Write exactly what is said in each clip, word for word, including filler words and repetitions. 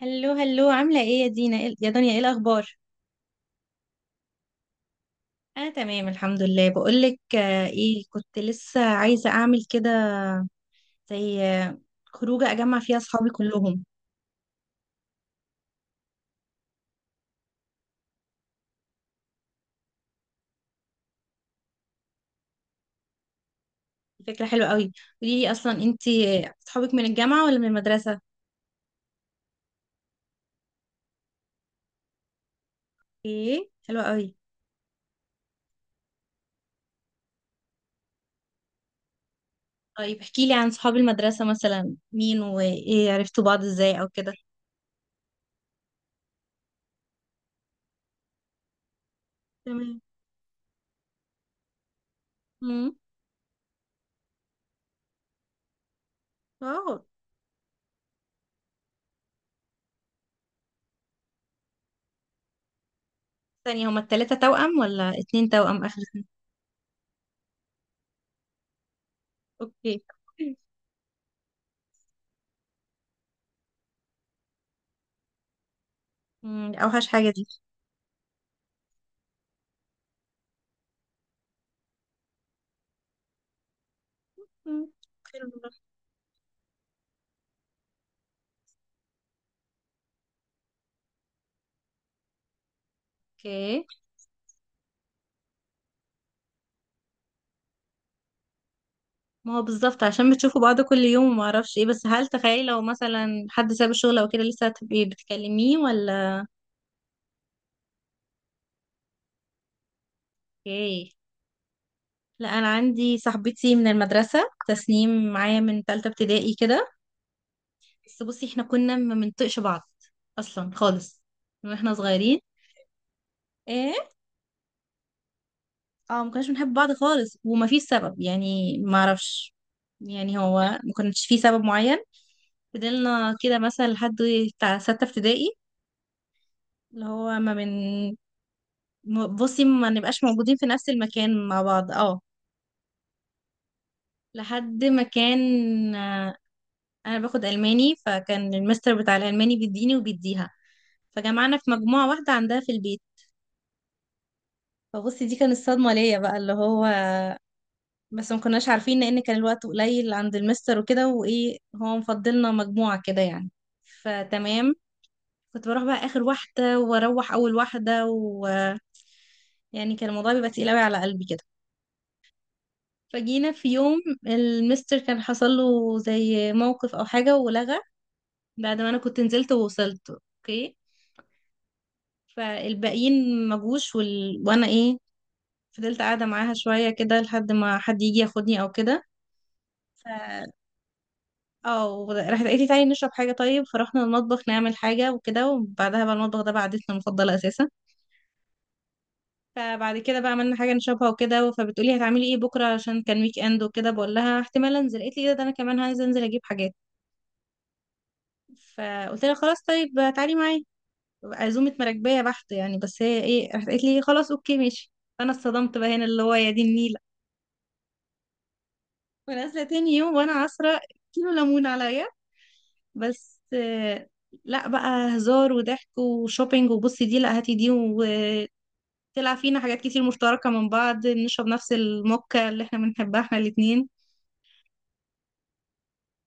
هلو هلو، عاملة ايه يا دينا إيه- يا دنيا ايه الأخبار؟ أنا تمام الحمد لله. بقولك آه، ايه، كنت لسه عايزة أعمل كده زي آه، خروجة أجمع فيها أصحابي كلهم. فكرة حلوة قوي. قوليلي أصلا انتي آه، أصحابك من الجامعة ولا من المدرسة؟ ايه، حلوة قوي. طيب احكيلي عن صحاب المدرسة، مثلا مين وايه، عرفتوا بعض ازاي أو كده. تمام. امم واو. ثانية، هما التلاتة توأم ولا اتنين توأم آخر؟ اوكي. مم، دي أوحش حاجة دي. مم. حلو. اوكي، ما هو بالظبط عشان بتشوفوا بعض كل يوم وما اعرفش ايه. بس هل تخيلي لو مثلا حد ساب الشغل او كده لسه هتبقي بتكلميه ولا ايه. لا، انا عندي صاحبتي من المدرسه تسنيم، معايا من ثالثه ابتدائي كده. بس بصي احنا كنا ما بنطقش بعض اصلا خالص من واحنا صغيرين. ايه، اه، ما كناش بنحب بعض خالص وما فيش سبب يعني، ما اعرفش، يعني هو ما كانش فيه سبب معين. فضلنا كده مثلا لحد بتاع سته ابتدائي، اللي هو ما بن م- بصي ما نبقاش موجودين في نفس المكان مع بعض، اه، لحد ما كان، آه، انا باخد الماني، فكان المستر بتاع الالماني بيديني وبيديها، فجمعنا في مجموعة واحدة عندها في البيت. فبصي دي كانت الصدمة ليا بقى، اللي هو بس ما كناش عارفين لان كان الوقت قليل عند المستر وكده، وايه، هو مفضلنا مجموعة كده يعني. فتمام، كنت بروح بقى اخر واحدة، واروح اول واحدة ويعني، كان الموضوع بيبقى تقيل قوي على قلبي كده. فجينا في يوم المستر كان حصل له زي موقف او حاجة ولغى، بعد ما انا كنت نزلت ووصلت اوكي. فالباقيين ما جوش، وال... وانا ايه، فضلت قاعدة معاها شوية كده لحد ما حد يجي ياخدني او كده. ف اه، راحت قالت لي تعالي نشرب حاجة، طيب فرحنا المطبخ نعمل حاجة وكده، وبعدها بقى المطبخ ده بقى عادتنا المفضلة اساسا. فبعد كده بقى عملنا حاجة نشربها وكده، فبتقولي هتعملي ايه بكرة عشان كان ويك اند وكده، بقول لها احتمال انزل، قالت لي ايه ده، ده انا كمان هنزل، انزل اجيب حاجات. فقلت لها خلاص طيب تعالي معايا، عزومة مراكبية بحت يعني، بس هي ايه، راحت قالت لي خلاص اوكي ماشي. فانا اتصدمت بقى هنا، اللي هو يا دي النيلة، ونازلة تاني يوم وانا عصرة كيلو ليمون عليا. بس آه، لا بقى هزار وضحك وشوبينج، وبصي دي، لا هاتي دي، وطلع فينا حاجات كتير مشتركة من بعض، نشرب نفس الموكا اللي احنا بنحبها احنا الاتنين.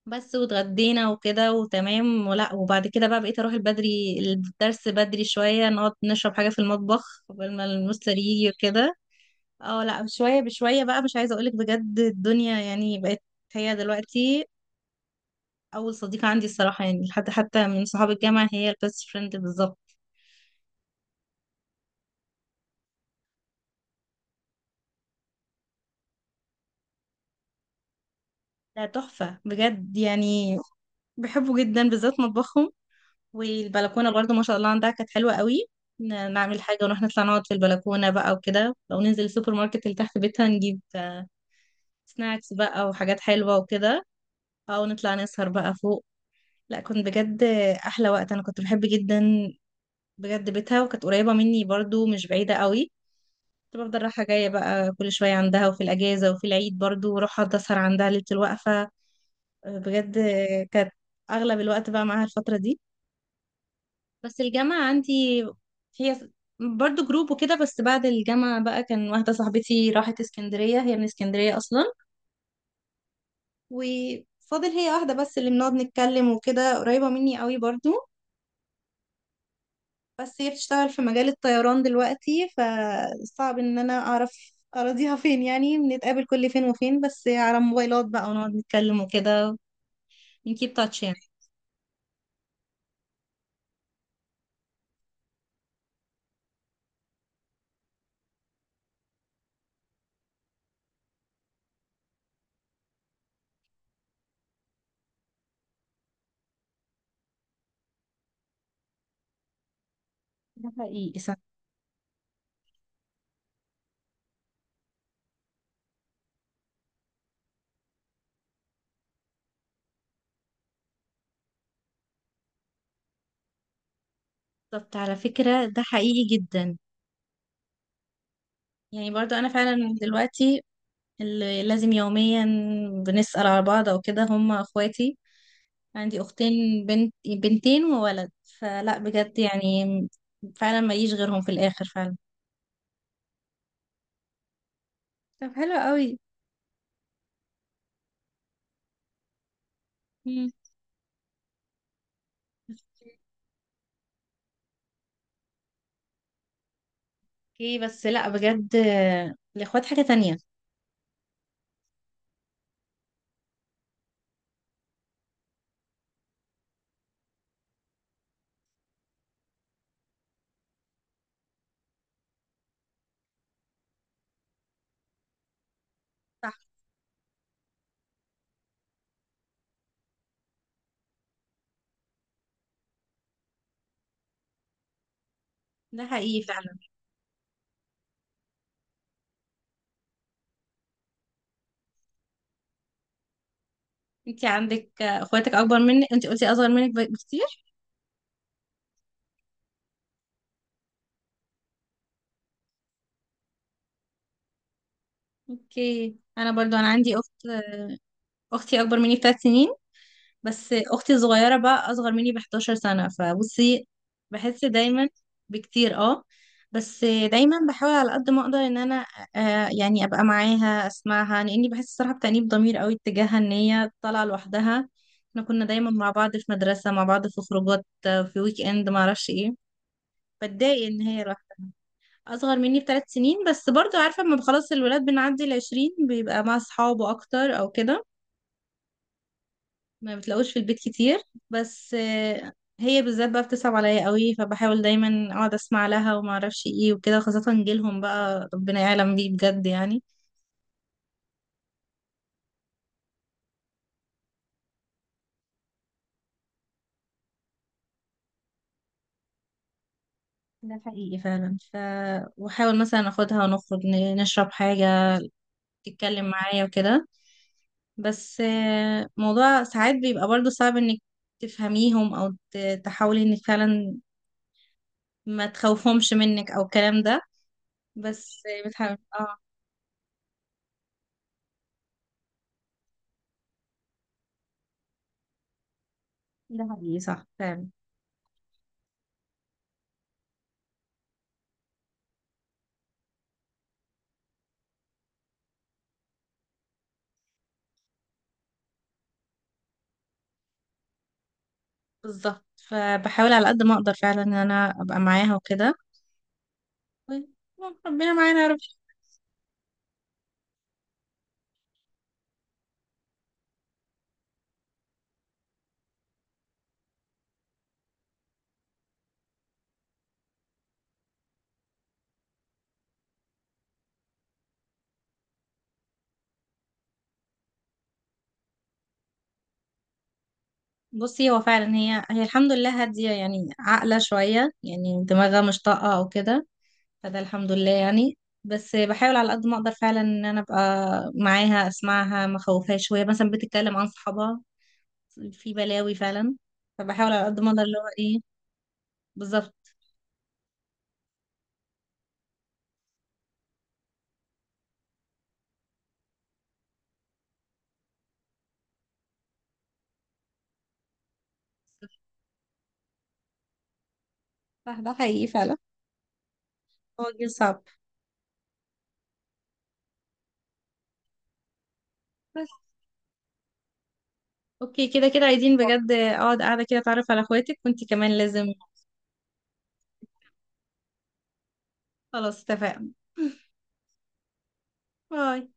بس واتغدينا وكده وتمام ولا. وبعد كده بقى بقيت اروح البدري، الدرس بدري شوية نقعد نشرب حاجة في المطبخ قبل ما المستر يجي وكده. اه لا، بشوية بشوية بقى، مش عايزة اقولك بجد الدنيا يعني بقت، هي دلوقتي اول صديقة عندي الصراحة يعني، لحد حتى من صحاب الجامعة هي البيست فريند بالظبط. ده تحفة بجد يعني، بحبه جدا، بالذات مطبخهم والبلكونه برضو ما شاء الله عندها كانت حلوه قوي. ن- نعمل حاجه ونروح نطلع نقعد في البلكونه بقى وكده، او ننزل السوبر ماركت اللي تحت بيتها نجيب سناكس بقى وحاجات حلوه وكده، او نطلع نسهر بقى فوق. لا كنت بجد احلى وقت، انا كنت بحب جدا بجد بيتها، وكانت قريبه مني برضو، مش بعيده قوي. كنت بفضل رايحه جايه بقى كل شويه عندها، وفي الاجازه وفي العيد برضو، واروح اقعد اسهر عندها ليله الوقفه بجد. كانت اغلب الوقت بقى معاها الفتره دي. بس الجامعة عندي، هي برضو جروب وكده، بس بعد الجامعة بقى كان واحدة صاحبتي راحت اسكندرية، هي من اسكندرية أصلا، وفاضل هي واحدة بس اللي بنقعد نتكلم وكده، قريبة مني قوي برضو. بس هي بتشتغل في مجال الطيران دلوقتي، فصعب ان انا اعرف اراضيها فين يعني، بنتقابل كل فين وفين، بس على موبايلات بقى ونقعد نتكلم وكده، نكيب تاتش يعني. ده حقيقي صح. بالظبط على فكرة ده حقيقي جدا. يعني برضو انا فعلا دلوقتي اللي لازم يوميا بنسأل على بعض او كده هم اخواتي، عندي اختين بنت بنتين وولد. فلا بجد يعني، فعلا ماليش غيرهم في الاخر فعلا. طب حلو قوي. مم. اوكي بس لا بجد، آه، الاخوات حاجة تانية. صح، ده حقيقي فعلا. انت عندك، آه، اخواتك اكبر منك، انت قلتي اصغر منك بكتير. اوكي، انا برضو انا عندي اخت، اختي اكبر مني بثلاث سنين، بس اختي الصغيره بقى اصغر مني ب حداشر سنه، فبصي بحس دايما بكتير، اه. بس دايما بحاول على قد ما اقدر ان انا، آه يعني، ابقى معاها اسمعها، لاني بحس الصراحه بتأنيب ضمير قوي اتجاهها ان هي طالعه لوحدها. احنا كنا دايما مع بعض في مدرسه، مع بعض في خروجات، آه، في ويك اند ما اعرفش ايه. بتضايق ان هي لوحدها، اصغر مني بثلاث سنين، بس برضو عارفه اما خلاص الولاد بنعدي العشرين بيبقى مع اصحابه اكتر او كده، ما بتلاقوش في البيت كتير. بس آه، هي بالذات بقى بتصعب عليا قوي، فبحاول دايما اقعد اسمع لها وما اعرفش ايه وكده، خاصة جيلهم بقى ربنا يعلم بيه بجد يعني. ده حقيقي فعلا. ف واحاول مثلا اخدها ونخرج ن- نشرب حاجة، تتكلم معايا وكده. بس آه، موضوع ساعات بيبقى برضو صعب انك تفهميهم او ت- تحاولي انك فعلا ما تخوفهمش منك او الكلام ده. بس بتحاول اه. ده حقيقي صح فعلا. بالظبط، فبحاول على قد ما اقدر فعلا ان انا ابقى معاها وكده. ربنا معانا يا رب. بصي هو فعلا هي هي الحمد لله هادية يعني، عاقلة شوية يعني، دماغها مش طاقة او كده، فده الحمد لله يعني. بس بحاول على قد ما اقدر فعلا ان انا ابقى معاها، اسمعها، ما اخوفهاش. شوية مثلا بتتكلم عن صحابها في بلاوي فعلا، فبحاول على قد ما اقدر اللي هو ايه. بالظبط صح، ده حقيقي فعلا. هو جيل صعب. اوكي كده كده عايزين بجد اقعد قاعدة كده اتعرف على اخواتك، وانتي كمان لازم. خلاص اتفقنا. باي.